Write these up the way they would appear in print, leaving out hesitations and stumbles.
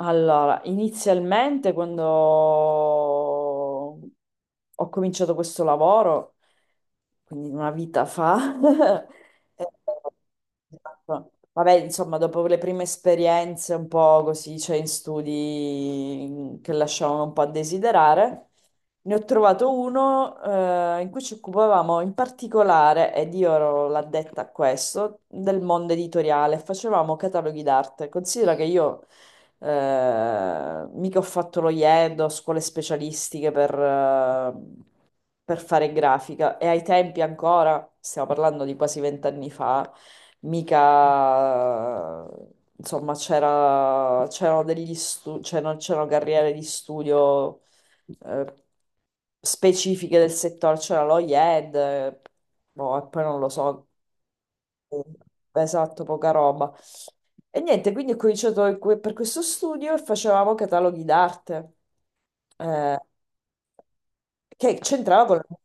Allora, inizialmente quando ho cominciato questo lavoro, quindi una vita fa, eh, esatto. Vabbè, insomma, dopo le prime esperienze un po' così, cioè in studi che lasciavano un po' a desiderare, ne ho trovato uno in cui ci occupavamo in particolare, ed io ero l'addetta a questo, del mondo editoriale, facevamo cataloghi d'arte. Considera che io mica ho fatto lo IED, ho scuole specialistiche per fare grafica e ai tempi ancora, stiamo parlando di quasi 20 anni fa, mica insomma c'erano c'erano carriere di studio eh, specifiche del settore, c'era lo IED, boh, e poi non lo so. Esatto, poca roba. E niente, quindi ho cominciato per questo studio e facevamo cataloghi d'arte, eh, che c'entrava con il…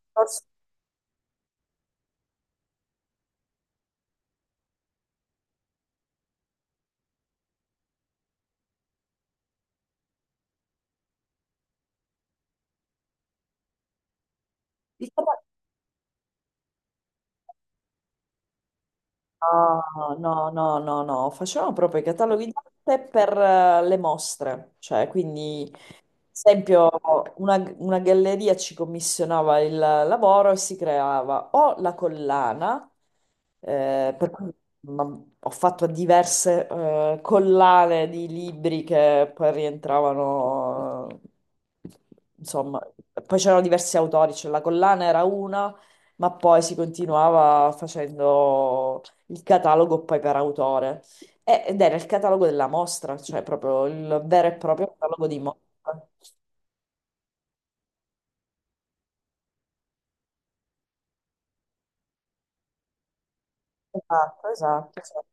Di sabato- No, no, no, no, no, facevamo proprio i cataloghi d'arte per le mostre, cioè quindi esempio, una galleria ci commissionava il lavoro e si creava o la collana, per cui ma- ho fatto diverse collane di libri che poi rientravano, insomma, poi c'erano diversi autori, cioè la collana era una, ma poi si continuava facendo il catalogo poi per autore. Ed era il catalogo della mostra, cioè proprio il vero e proprio catalogo di mostra. Esatto, esatto, esatto.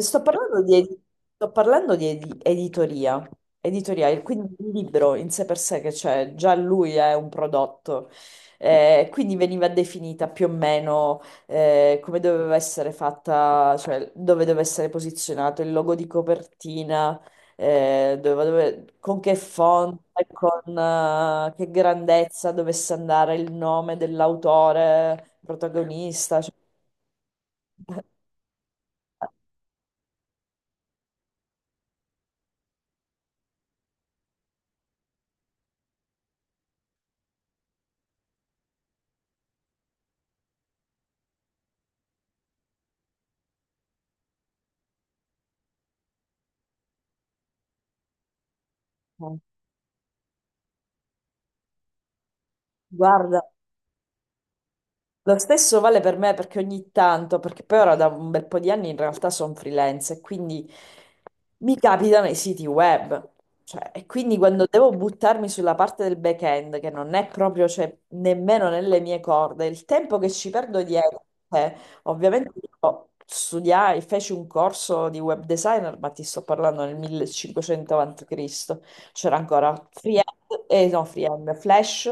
Sto parlando di, ed- Sto parlando di editoria, editoria, quindi il libro in sé per sé che c'è, già lui è un prodotto. Quindi veniva definita più o meno come doveva essere fatta, cioè dove doveva essere posizionato il logo di copertina, con che font, e con che grandezza dovesse andare il nome dell'autore protagonista. Cioè… Guarda, lo stesso vale per me perché ogni tanto, perché poi ora da un bel po' di anni in realtà sono freelance e quindi mi capitano i siti web. Cioè, e quindi quando devo buttarmi sulla parte del back-end, che non è proprio, cioè, nemmeno nelle mie corde, il tempo che ci perdo dietro, eh, ovviamente io studiai, feci un corso di web designer, ma ti sto parlando nel 1500 a.C. C'era ancora Freehand, Flash,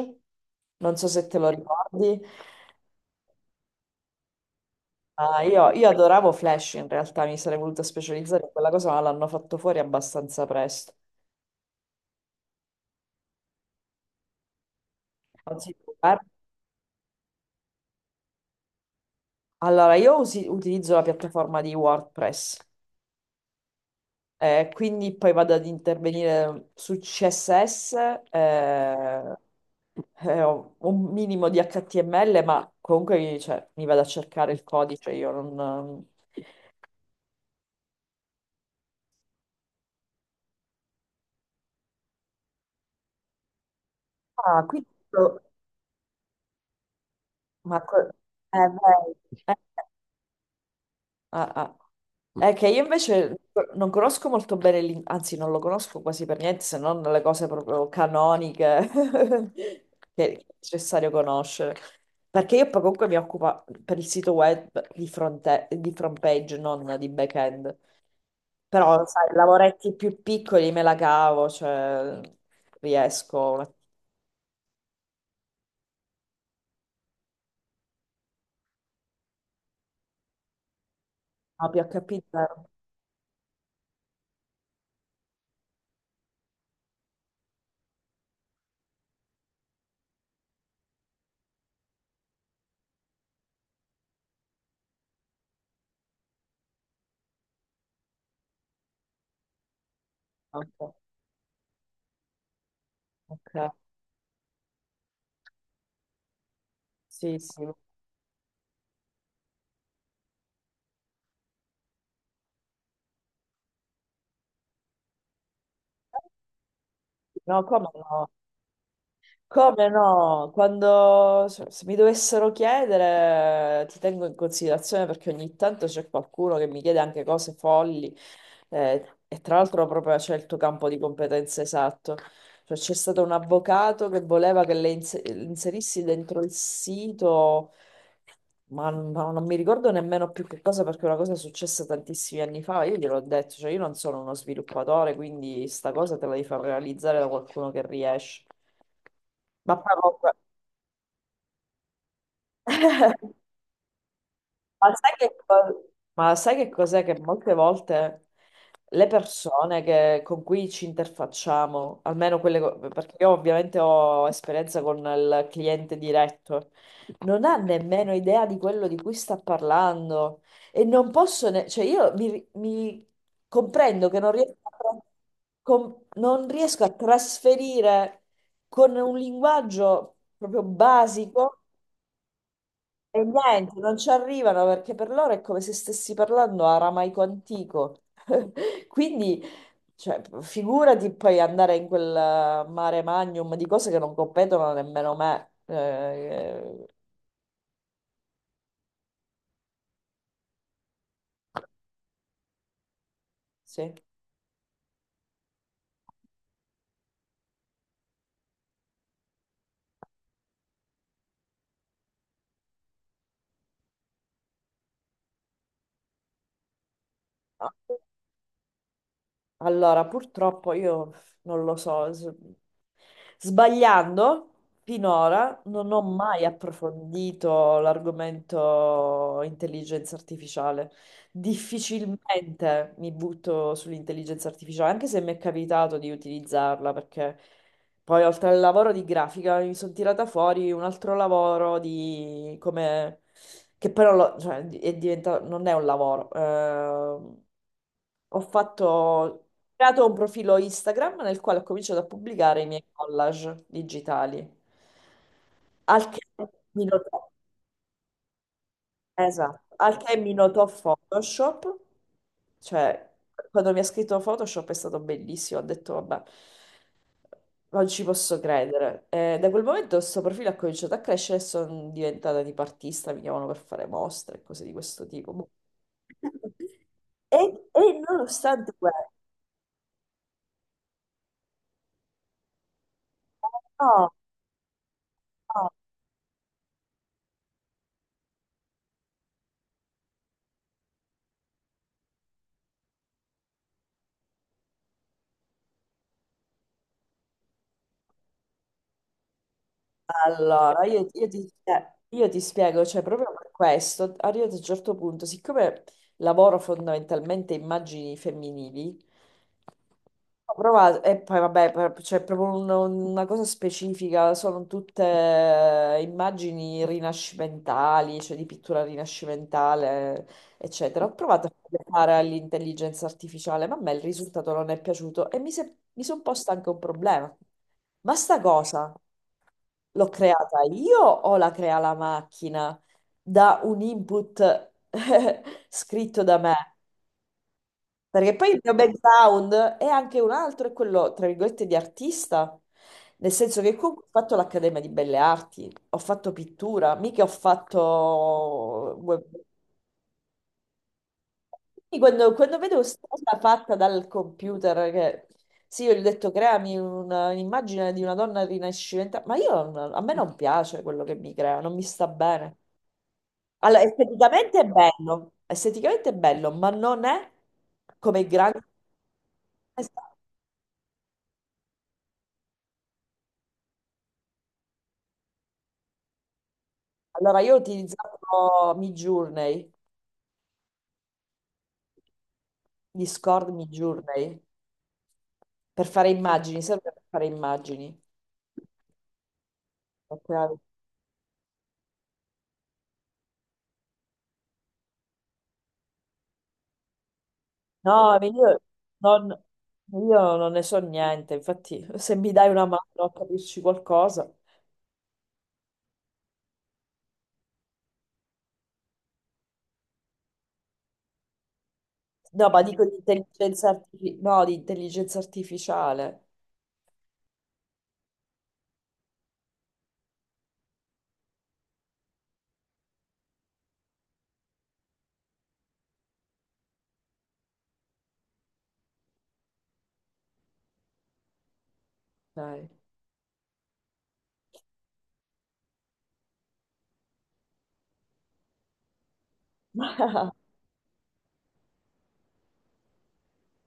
non so se te lo ricordi. Ah, io adoravo Flash in realtà, mi sarei voluta specializzare in quella cosa, ma l'hanno fatto fuori abbastanza presto. Anzi, eh, Allora, utilizzo la piattaforma di WordPress, quindi poi vado ad intervenire su CSS, eh, ho un minimo di HTML, ma comunque cioè, mi vado a cercare il codice, io non… Ah, quindi... Ma... co- vedi. Ah, ah. È che io invece non conosco molto bene anzi non lo conosco quasi per niente, se non le cose proprio canoniche che è necessario conoscere. Perché io poi comunque mi occupo per il sito web di front page, non di back-end. Però, sai, lavoretti più piccoli me la cavo, cioè riesco. Ma PHP zero. Ok, ok. Sì, sì. No, come no? Come no? Quando se se mi dovessero chiedere, ti tengo in considerazione perché ogni tanto c'è qualcuno che mi chiede anche cose folli e tra l'altro proprio c'è il tuo campo di competenza esatto. Cioè, c'è stato un avvocato che voleva che le inserissi dentro il sito, ma non mi ricordo nemmeno più che cosa perché una cosa è successa tantissimi anni fa. Io gliel'ho detto, cioè io non sono uno sviluppatore, quindi sta cosa te la devi far realizzare da qualcuno che riesce. Ma poi comunque- Ma sai che co- ma sai che cos'è? Che molte volte le persone con cui ci interfacciamo, almeno quelle, perché io ovviamente ho esperienza con il cliente diretto, non ha nemmeno idea di quello di cui sta parlando e non posso, cioè mi comprendo che non riesco a, non riesco a trasferire con un linguaggio proprio basico. E niente, non ci arrivano perché per loro è come se stessi parlando aramaico antico. Quindi, cioè, figurati poi andare in quel mare magnum di cose che non competono nemmeno me. Sì. Allora, purtroppo io non lo so, sbagliando finora non ho mai approfondito l'argomento intelligenza artificiale. Difficilmente mi butto sull'intelligenza artificiale, anche se mi è capitato di utilizzarla, perché poi oltre al lavoro di grafica mi sono tirata fuori un altro lavoro di come che però cioè, è diventato non è un lavoro. Ho creato un profilo Instagram nel quale ho cominciato a pubblicare i miei collage digitali. Al che mi notò Esatto, al che mi notò Photoshop, cioè quando mi ha scritto Photoshop è stato bellissimo, ho detto vabbè, non ci posso credere. E da quel momento questo profilo ha cominciato a crescere e sono diventata tipo artista, mi chiamano per fare mostre e cose di questo tipo. Boh. E, e nonostante questo, no, no, Allora, io ti spiego, cioè proprio per questo, arrivato a un certo punto, siccome lavoro fondamentalmente immagini femminili, ho provato, e poi vabbè, c'è proprio una cosa specifica, sono tutte immagini rinascimentali, cioè di pittura rinascimentale, eccetera. Ho provato a fare all'intelligenza artificiale, ma a me il risultato non è piaciuto e mi, se- mi sono posta anche un problema. Ma sta cosa? L'ho creata io o la crea la macchina da un input scritto da me? Perché poi il mio background è anche un altro, è quello, tra virgolette, di artista. Nel senso che comunque ho fatto l'Accademia di Belle Arti, ho fatto pittura, mica ho fatto… web- Quindi quando vedo questa cosa fatta dal computer, che… Sì, io gli ho detto creami un'immagine di una donna rinascimentale, ma io, non- a me non piace quello che mi crea, non mi sta bene. Allora, esteticamente è bello, ma non è come i grandi. Allora, io ho utilizzato Midjourney, Discord Midjourney, per fare immagini, serve per fare immagini. Ok. No, non, io non ne so niente, infatti se mi dai una mano a capirci qualcosa. No, ma dico di intelligenza, artifi- no, di intelligenza artificiale. Dai.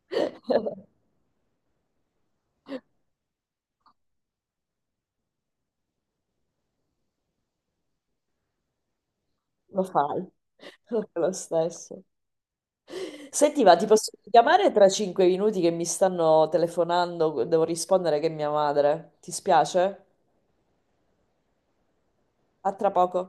Lo fai, lo fai lo stesso. Senti, ma ti posso chiamare tra 5 minuti che mi stanno telefonando, devo rispondere che è mia madre. Ti spiace? A tra poco.